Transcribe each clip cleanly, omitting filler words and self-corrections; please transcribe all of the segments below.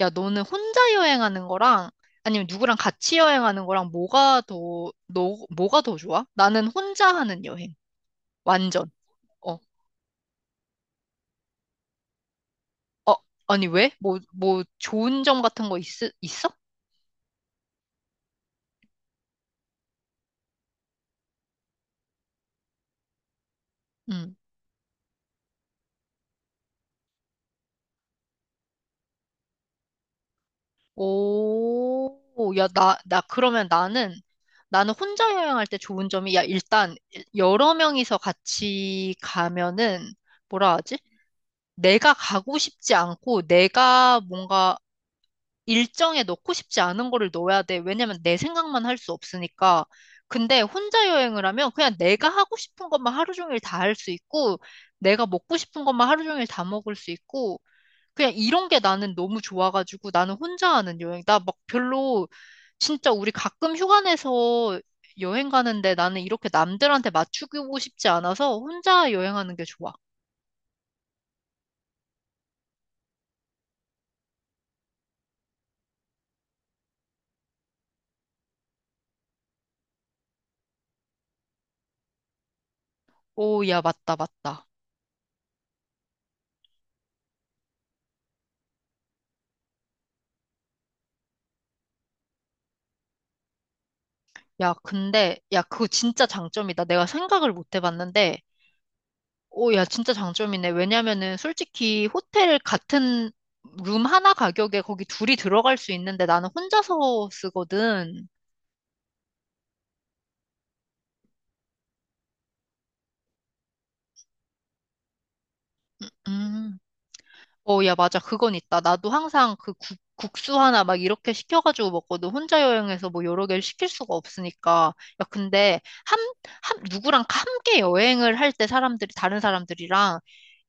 야, 너는 혼자 여행하는 거랑 아니면 누구랑 같이 여행하는 거랑 뭐가 더, 너, 뭐가 더 좋아? 나는 혼자 하는 여행. 완전. 어. 아니, 왜? 뭐, 좋은 점 같은 거 있어? 응. 오, 야, 나, 그러면 나는, 나는 혼자 여행할 때 좋은 점이, 야, 일단, 여러 명이서 같이 가면은, 뭐라 하지? 내가 가고 싶지 않고, 내가 뭔가, 일정에 넣고 싶지 않은 거를 넣어야 돼. 왜냐면 내 생각만 할 수 없으니까. 근데 혼자 여행을 하면 그냥 내가 하고 싶은 것만 하루 종일 다 할 수 있고, 내가 먹고 싶은 것만 하루 종일 다 먹을 수 있고, 그냥 이런 게 나는 너무 좋아가지고 나는 혼자 하는 여행. 나 막 별로, 진짜 우리 가끔 휴가 내서 여행 가는데 나는 이렇게 남들한테 맞추고 싶지 않아서 혼자 여행하는 게 좋아. 오, 야, 맞다, 맞다. 야, 근데, 야, 그거 진짜 장점이다. 내가 생각을 못 해봤는데, 오, 야, 진짜 장점이네. 왜냐면은 솔직히 호텔 같은 룸 하나 가격에 거기 둘이 들어갈 수 있는데 나는 혼자서 쓰거든. 음. 어, 야, 맞아. 그건 있다. 나도 항상 그 국수 하나 막 이렇게 시켜가지고 먹거든. 혼자 여행해서 뭐 여러 개를 시킬 수가 없으니까. 야, 근데 함, 함, 누구랑 함께 여행을 할 때 사람들이, 다른 사람들이랑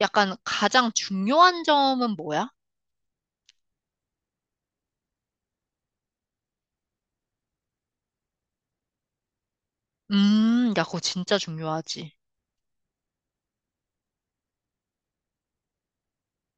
약간 가장 중요한 점은 뭐야? 야, 그거 진짜 중요하지.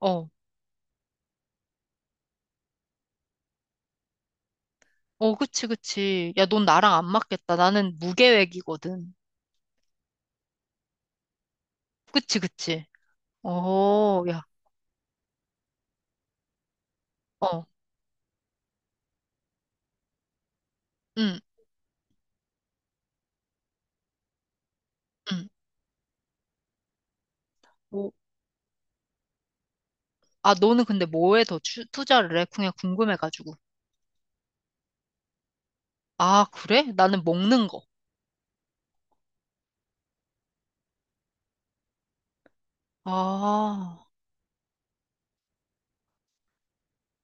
어. 어, 그치, 그치. 야, 넌 나랑 안 맞겠다. 나는 무계획이거든. 그치, 그치. 어, 야, 어, 응, 응. 오, 아, 너는 근데 뭐에 더 투자를 해? 그냥 궁금해가지고. 아, 그래? 나는 먹는 거. 아.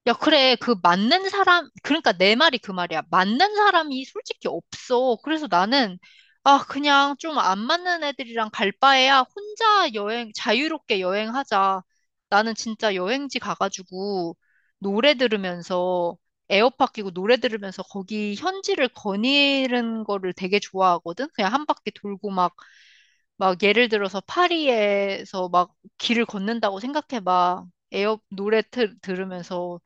야, 그래. 그 맞는 사람, 그러니까 내 말이 그 말이야. 맞는 사람이 솔직히 없어. 그래서 나는, 아, 그냥 좀 안 맞는 애들이랑 갈 바에야 혼자 여행, 자유롭게 여행하자. 나는 진짜 여행지 가가지고 노래 들으면서, 에어팟 끼고 노래 들으면서 거기 현지를 거니는 거를 되게 좋아하거든? 그냥 한 바퀴 돌고 막 막 예를 들어서 파리에서 막 길을 걷는다고 생각해 봐. 들으면서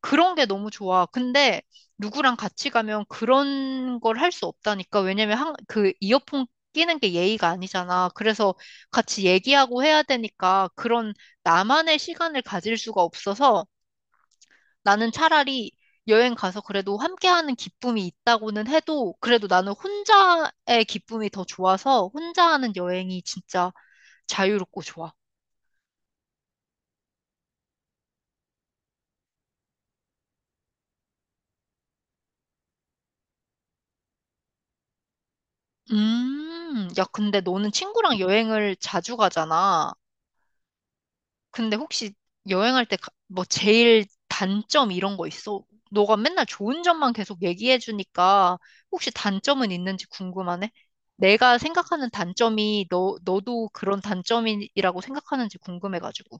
그런 게 너무 좋아. 근데 누구랑 같이 가면 그런 걸 할 수 없다니까. 왜냐면 한, 그 이어폰 끼는 게 예의가 아니잖아. 그래서 같이 얘기하고 해야 되니까 그런 나만의 시간을 가질 수가 없어서 나는 차라리 여행 가서 그래도 함께하는 기쁨이 있다고는 해도 그래도 나는 혼자의 기쁨이 더 좋아서 혼자 하는 여행이 진짜 자유롭고 좋아. 야, 근데 너는 친구랑 여행을 자주 가잖아. 근데 혹시 여행할 때 뭐 제일 단점 이런 거 있어? 너가 맨날 좋은 점만 계속 얘기해 주니까 혹시 단점은 있는지 궁금하네? 내가 생각하는 단점이 너, 너도 그런 단점이라고 생각하는지 궁금해가지고.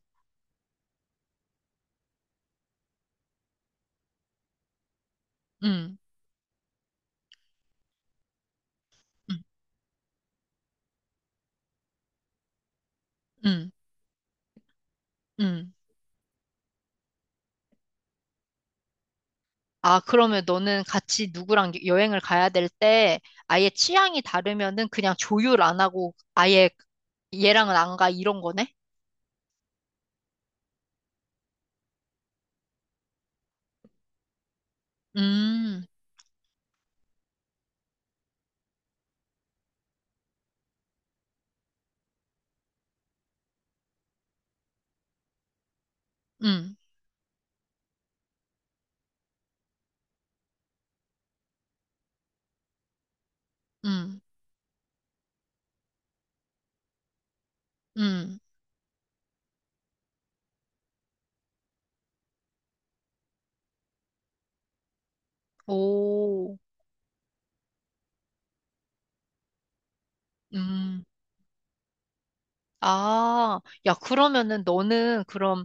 응, 응, 응, 응. 아, 그러면 너는 같이 누구랑 여행을 가야 될 때 아예 취향이 다르면은 그냥 조율 안 하고 아예 얘랑은 안 가 이런 거네? 음, 음, 음, 음. 오, 음. 아, 야, 그러면은 너는 그럼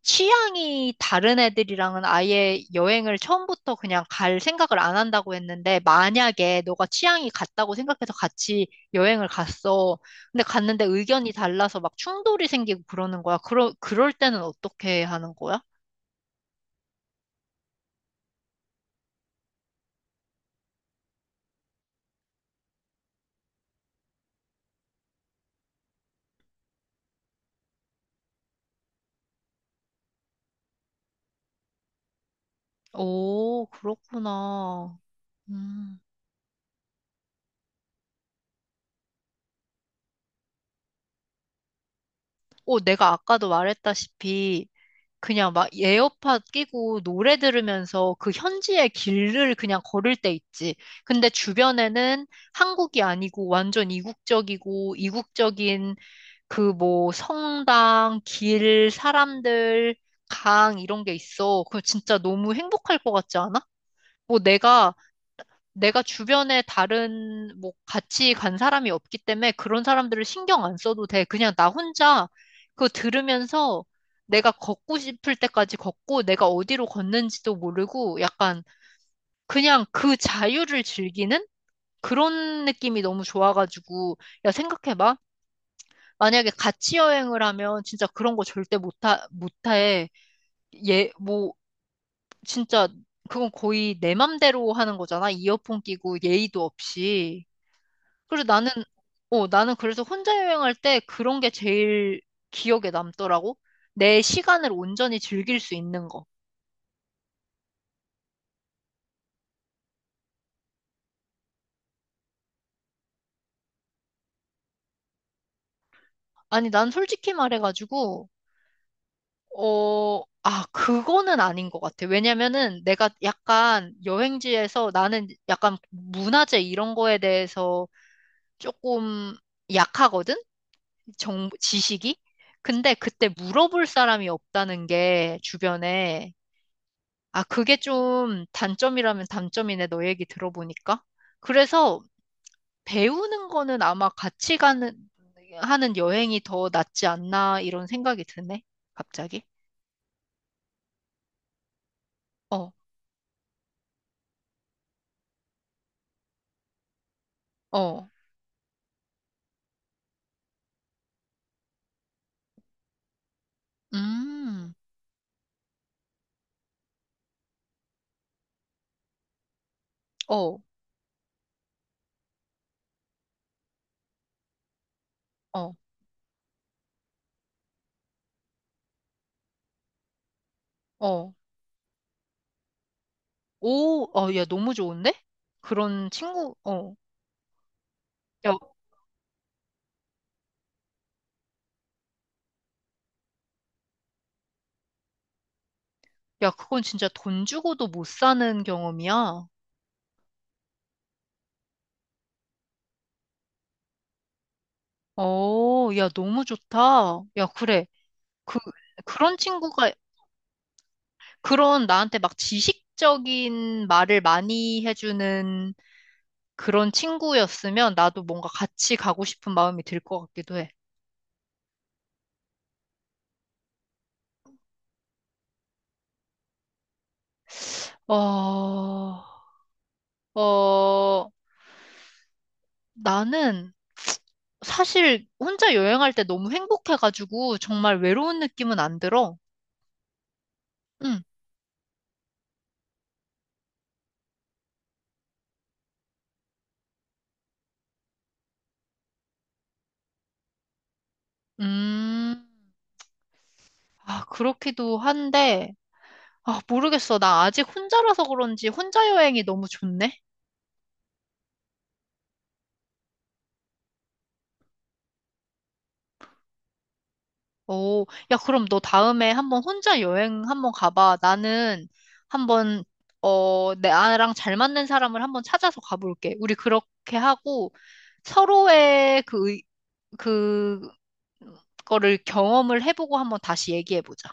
취향이 다른 애들이랑은 아예 여행을 처음부터 그냥 갈 생각을 안 한다고 했는데, 만약에 너가 취향이 같다고 생각해서 같이 여행을 갔어. 근데 갔는데 의견이 달라서 막 충돌이 생기고 그러는 거야. 그럴 때는 어떻게 하는 거야? 오, 그렇구나. 음. 오, 내가 아까도 말했다시피 그냥 막 에어팟 끼고 노래 들으면서 그 현지의 길을 그냥 걸을 때 있지. 근데 주변에는 한국이 아니고 완전 이국적이고 이국적인 그 뭐 성당, 길, 사람들, 강 이런 게 있어. 그거 진짜 너무 행복할 것 같지 않아? 뭐 내가 주변에 다른 뭐 같이 간 사람이 없기 때문에 그런 사람들을 신경 안 써도 돼. 그냥 나 혼자 그거 들으면서 내가 걷고 싶을 때까지 걷고 내가 어디로 걷는지도 모르고 약간 그냥 그 자유를 즐기는 그런 느낌이 너무 좋아가지고 야 생각해봐. 만약에 같이 여행을 하면 진짜 그런 거 절대 못해. 예, 뭐 진짜 그건 거의 내 맘대로 하는 거잖아. 이어폰 끼고 예의도 없이. 그래서 나는, 어, 나는 그래서 혼자 여행할 때 그런 게 제일 기억에 남더라고. 내 시간을 온전히 즐길 수 있는 거. 아니, 난 솔직히 말해가지고, 어, 아, 그거는 아닌 것 같아. 왜냐면은 내가 약간 여행지에서 나는 약간 문화재 이런 거에 대해서 조금 약하거든? 지식이? 근데 그때 물어볼 사람이 없다는 게 주변에. 아, 그게 좀 단점이라면 단점이네, 너 얘기 들어보니까. 그래서 배우는 거는 아마 하는 여행이 더 낫지 않나, 이런 생각이 드네, 갑자기. 어, 어, 음, 어, 어, 어. 오, 어, 야, 너무 좋은데? 그런 친구, 어. 야, 야, 그건 진짜 돈 주고도 못 사는 경험이야. 어, 야, 너무 좋다. 야, 그래. 그, 그런 친구가 그런 나한테 막 지식적인 말을 많이 해주는 그런 친구였으면 나도 뭔가 같이 가고 싶은 마음이 들 것 같기도 해. 어, 어, 나는 사실 혼자 여행할 때 너무 행복해가지고 정말 외로운 느낌은 안 들어. 응, 음, 아, 그렇기도 한데, 아, 모르겠어. 나 아직 혼자라서 그런지 혼자 여행이 너무 좋네. 오, 야, 그럼 너 다음에 한번 혼자 여행 한번 가봐. 나는 한번, 어, 나랑 잘 맞는 사람을 한번 찾아서 가볼게. 우리 그렇게 하고 서로의 그, 거를 경험을 해보고 한번 다시 얘기해보자.